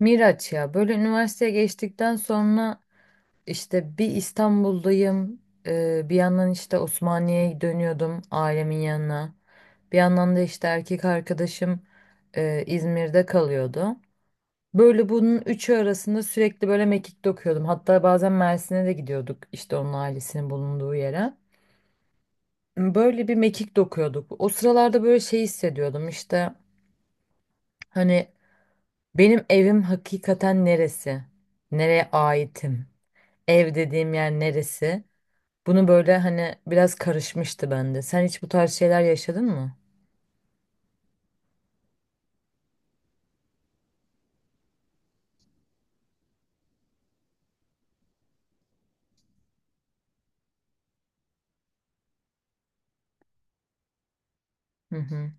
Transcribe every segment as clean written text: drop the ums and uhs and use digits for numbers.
Miraç ya, böyle üniversiteye geçtikten sonra işte bir İstanbul'dayım, bir yandan işte Osmaniye'ye dönüyordum ailemin yanına, bir yandan da işte erkek arkadaşım İzmir'de kalıyordu. Böyle bunun üçü arasında sürekli böyle mekik dokuyordum, hatta bazen Mersin'e de gidiyorduk, işte onun ailesinin bulunduğu yere. Böyle bir mekik dokuyorduk o sıralarda, böyle şey hissediyordum işte, hani benim evim hakikaten neresi, nereye aitim? Ev dediğim yer neresi? Bunu böyle hani biraz karışmıştı bende. Sen hiç bu tarz şeyler yaşadın mı? Hı hı.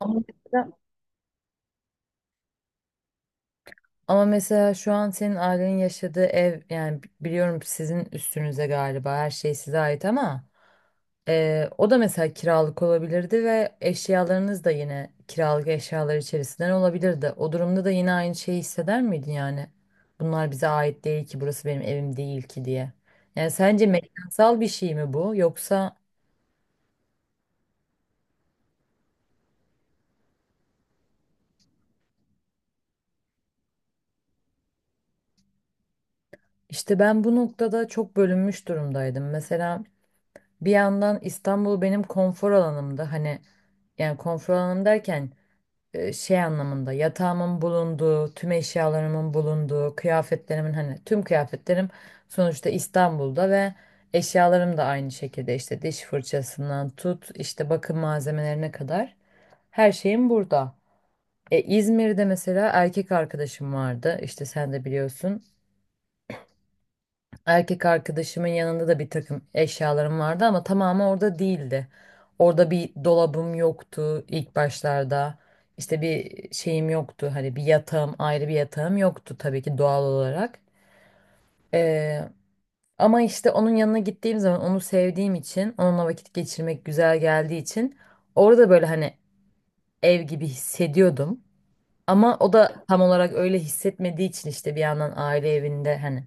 Ama mesela, ama mesela, şu an senin ailenin yaşadığı ev, yani biliyorum sizin üstünüze galiba her şey size ait, ama o da mesela kiralık olabilirdi ve eşyalarınız da yine kiralık eşyalar içerisinden olabilirdi. O durumda da yine aynı şeyi hisseder miydin yani? Bunlar bize ait değil ki, burası benim evim değil ki diye. Yani sence mekansal bir şey mi bu, yoksa? İşte ben bu noktada çok bölünmüş durumdaydım. Mesela bir yandan İstanbul benim konfor alanımdı. Hani, yani konfor alanım derken şey anlamında, yatağımın bulunduğu, tüm eşyalarımın bulunduğu, kıyafetlerimin, hani tüm kıyafetlerim sonuçta İstanbul'da, ve eşyalarım da aynı şekilde, işte diş fırçasından tut, işte bakım malzemelerine kadar her şeyim burada. İzmir'de mesela erkek arkadaşım vardı. İşte sen de biliyorsun. Erkek arkadaşımın yanında da bir takım eşyalarım vardı, ama tamamı orada değildi. Orada bir dolabım yoktu ilk başlarda. İşte bir şeyim yoktu. Hani bir yatağım, ayrı bir yatağım yoktu tabii ki, doğal olarak. Ee, ama işte onun yanına gittiğim zaman, onu sevdiğim için, onunla vakit geçirmek güzel geldiği için, orada böyle hani ev gibi hissediyordum. Ama o da tam olarak öyle hissetmediği için, işte bir yandan aile evinde, hani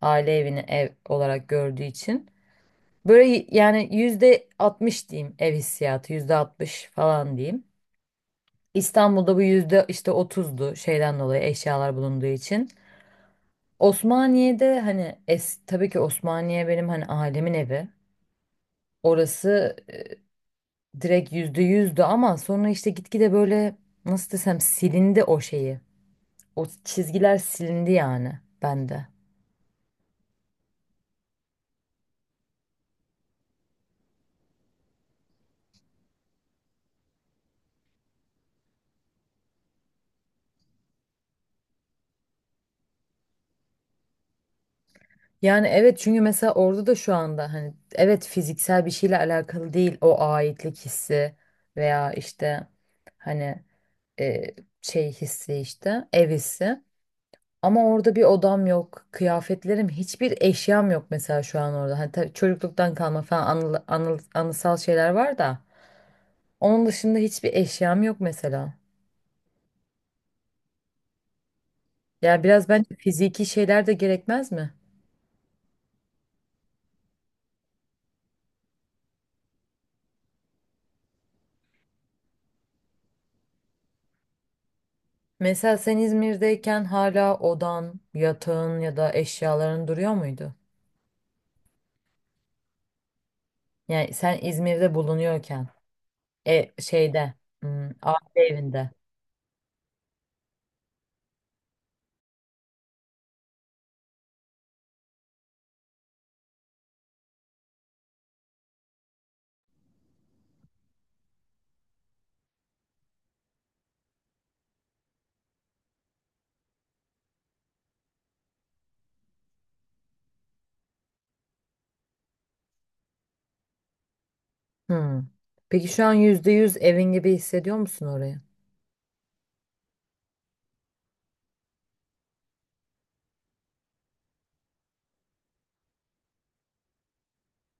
aile evini ev olarak gördüğü için, böyle yani %60 diyeyim, ev hissiyatı %60 falan diyeyim. İstanbul'da bu yüzde işte otuzdu, şeyden dolayı, eşyalar bulunduğu için. Osmaniye'de hani tabii ki Osmaniye benim, hani ailemin evi. Orası direkt %100'dü, ama sonra işte gitgide böyle, nasıl desem, silindi o şeyi. O çizgiler silindi yani bende. Yani evet, çünkü mesela orada da şu anda, hani evet, fiziksel bir şeyle alakalı değil o aitlik hissi, veya işte hani e, şey hissi, işte ev hissi. Ama orada bir odam yok, kıyafetlerim, hiçbir eşyam yok mesela şu an orada. Hani tabii çocukluktan kalma falan anısal şeyler var da, onun dışında hiçbir eşyam yok mesela. Yani biraz bence fiziki şeyler de gerekmez mi? Mesela sen İzmir'deyken hala odan, yatağın ya da eşyaların duruyor muydu? Yani sen İzmir'de bulunuyorken, şeyde, aile evinde. Hmm. Peki şu an %100 evin gibi hissediyor musun orayı?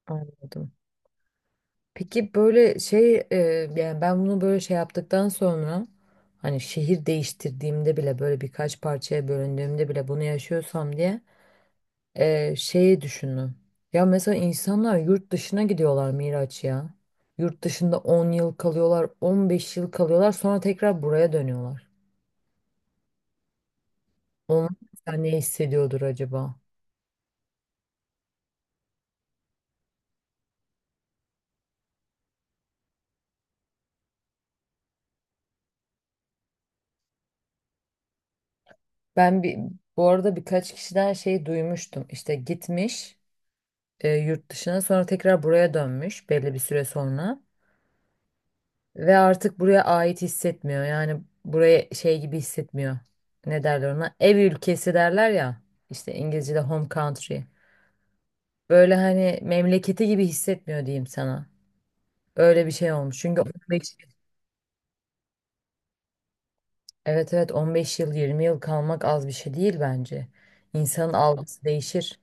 Anladım. Peki böyle şey, yani ben bunu böyle şey yaptıktan sonra, hani şehir değiştirdiğimde bile, böyle birkaç parçaya bölündüğümde bile bunu yaşıyorsam diye. Şeyi düşünün. Ya mesela insanlar yurt dışına gidiyorlar Miraç ya. Yurt dışında 10 yıl kalıyorlar, 15 yıl kalıyorlar, sonra tekrar buraya dönüyorlar. Onlar mesela ne hissediyordur acaba? Ben bir, bu arada birkaç kişiden şey duymuştum. İşte gitmiş yurt dışına, sonra tekrar buraya dönmüş belli bir süre sonra ve artık buraya ait hissetmiyor. Yani buraya şey gibi hissetmiyor. Ne derler ona? Ev ülkesi derler ya. İşte İngilizce'de home country. Böyle hani memleketi gibi hissetmiyor diyeyim sana. Öyle bir şey olmuş. Evet evet, 15 yıl 20 yıl kalmak az bir şey değil bence. İnsanın algısı değişir.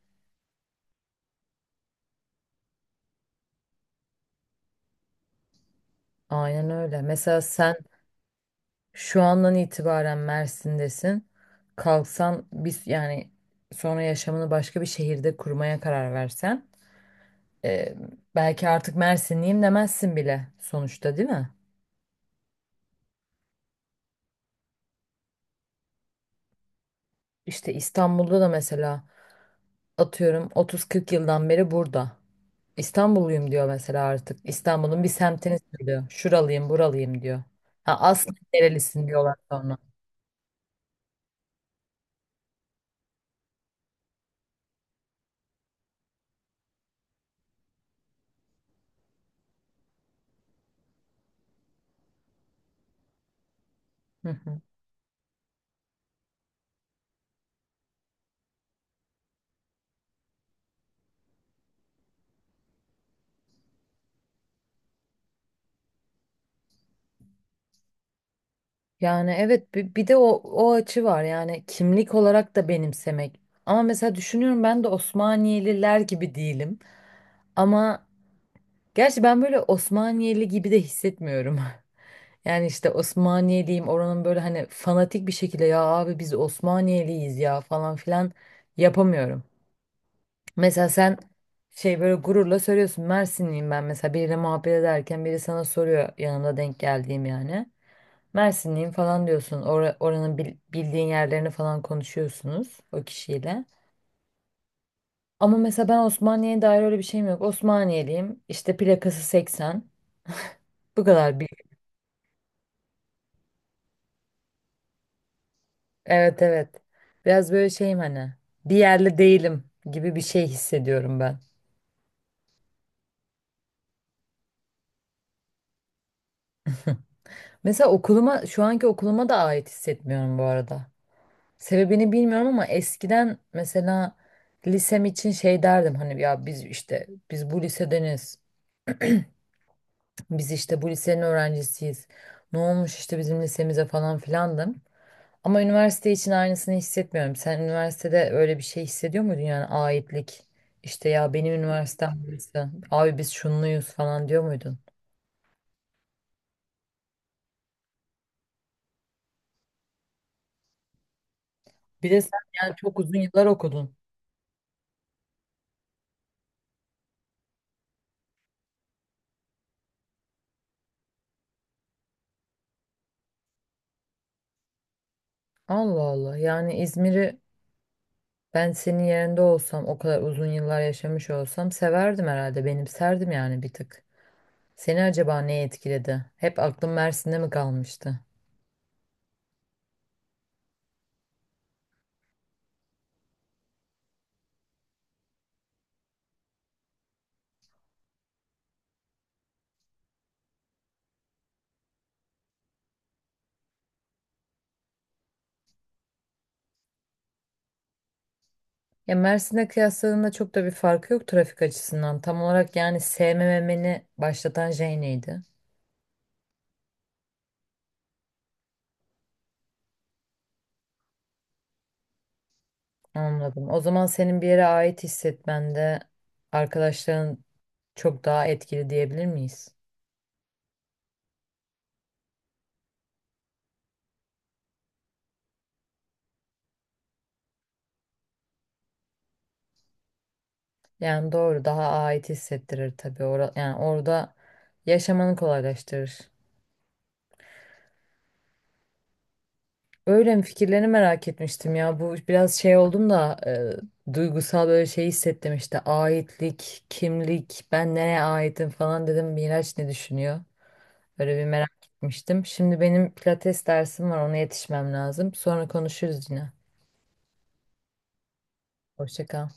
Aynen öyle. Mesela sen şu andan itibaren Mersin'desin. Kalksan, biz yani, sonra yaşamını başka bir şehirde kurmaya karar versen, e, belki artık Mersinliyim demezsin bile sonuçta, değil mi? İşte İstanbul'da da mesela atıyorum 30-40 yıldan beri burada. İstanbulluyum diyor mesela artık. İstanbul'un bir semtini söylüyor. Şuralıyım, buralıyım diyor. Ha, aslında nerelisin diyorlar sonra. Hı hı. Yani evet, bir de o açı var, yani kimlik olarak da benimsemek. Ama mesela düşünüyorum, ben de Osmaniyeliler gibi değilim. Ama Gerçi ben böyle Osmaniyeli gibi de hissetmiyorum. Yani işte Osmaniyeliyim, oranın böyle hani fanatik bir şekilde, ya abi biz Osmaniyeliyiz ya, falan filan yapamıyorum. Mesela sen şey, böyle gururla söylüyorsun Mersinliyim, ben mesela biriyle muhabbet ederken, biri sana soruyor yanımda denk geldiğim yani. Mersinliyim falan diyorsun, oranın bildiğin yerlerini falan konuşuyorsunuz o kişiyle. Ama mesela ben Osmaniye'ye dair öyle bir şeyim yok. Osmaniyeliyim işte, plakası 80, bu kadar. Evet evet. Biraz böyle şeyim, hani bir yerli değilim gibi bir şey hissediyorum ben. Mesela okuluma, şu anki okuluma da ait hissetmiyorum bu arada. Sebebini bilmiyorum ama eskiden mesela lisem için şey derdim, hani ya biz işte, biz bu lisedeniz. Biz işte bu lisenin öğrencisiyiz. Ne olmuş işte bizim lisemize falan filandım. Ama üniversite için aynısını hissetmiyorum. Sen üniversitede öyle bir şey hissediyor muydun, yani aitlik? İşte ya benim üniversitem burası. Abi biz şunluyuz falan diyor muydun? Bir de sen yani çok uzun yıllar okudun. Allah Allah. Yani İzmir'i, ben senin yerinde olsam, o kadar uzun yıllar yaşamış olsam severdim herhalde. Benimserdim yani bir tık. Seni acaba ne etkiledi? Hep aklım Mersin'de mi kalmıştı? Ya Mersin'e kıyasladığında çok da bir farkı yok trafik açısından. Tam olarak yani sevmemeni başlatan şey neydi? Anladım. O zaman senin bir yere ait hissetmende arkadaşların çok daha etkili diyebilir miyiz? Yani doğru, daha ait hissettirir tabii. Yani orada yaşamanı kolaylaştırır. Öyle mi? Fikirlerini merak etmiştim ya. Bu biraz şey oldum da, duygusal böyle şey hissettim işte. Aitlik, kimlik, ben nereye aitim falan dedim. Miraç ne düşünüyor? Böyle bir merak etmiştim. Şimdi benim pilates dersim var. Ona yetişmem lazım. Sonra konuşuruz yine. Hoşça kal.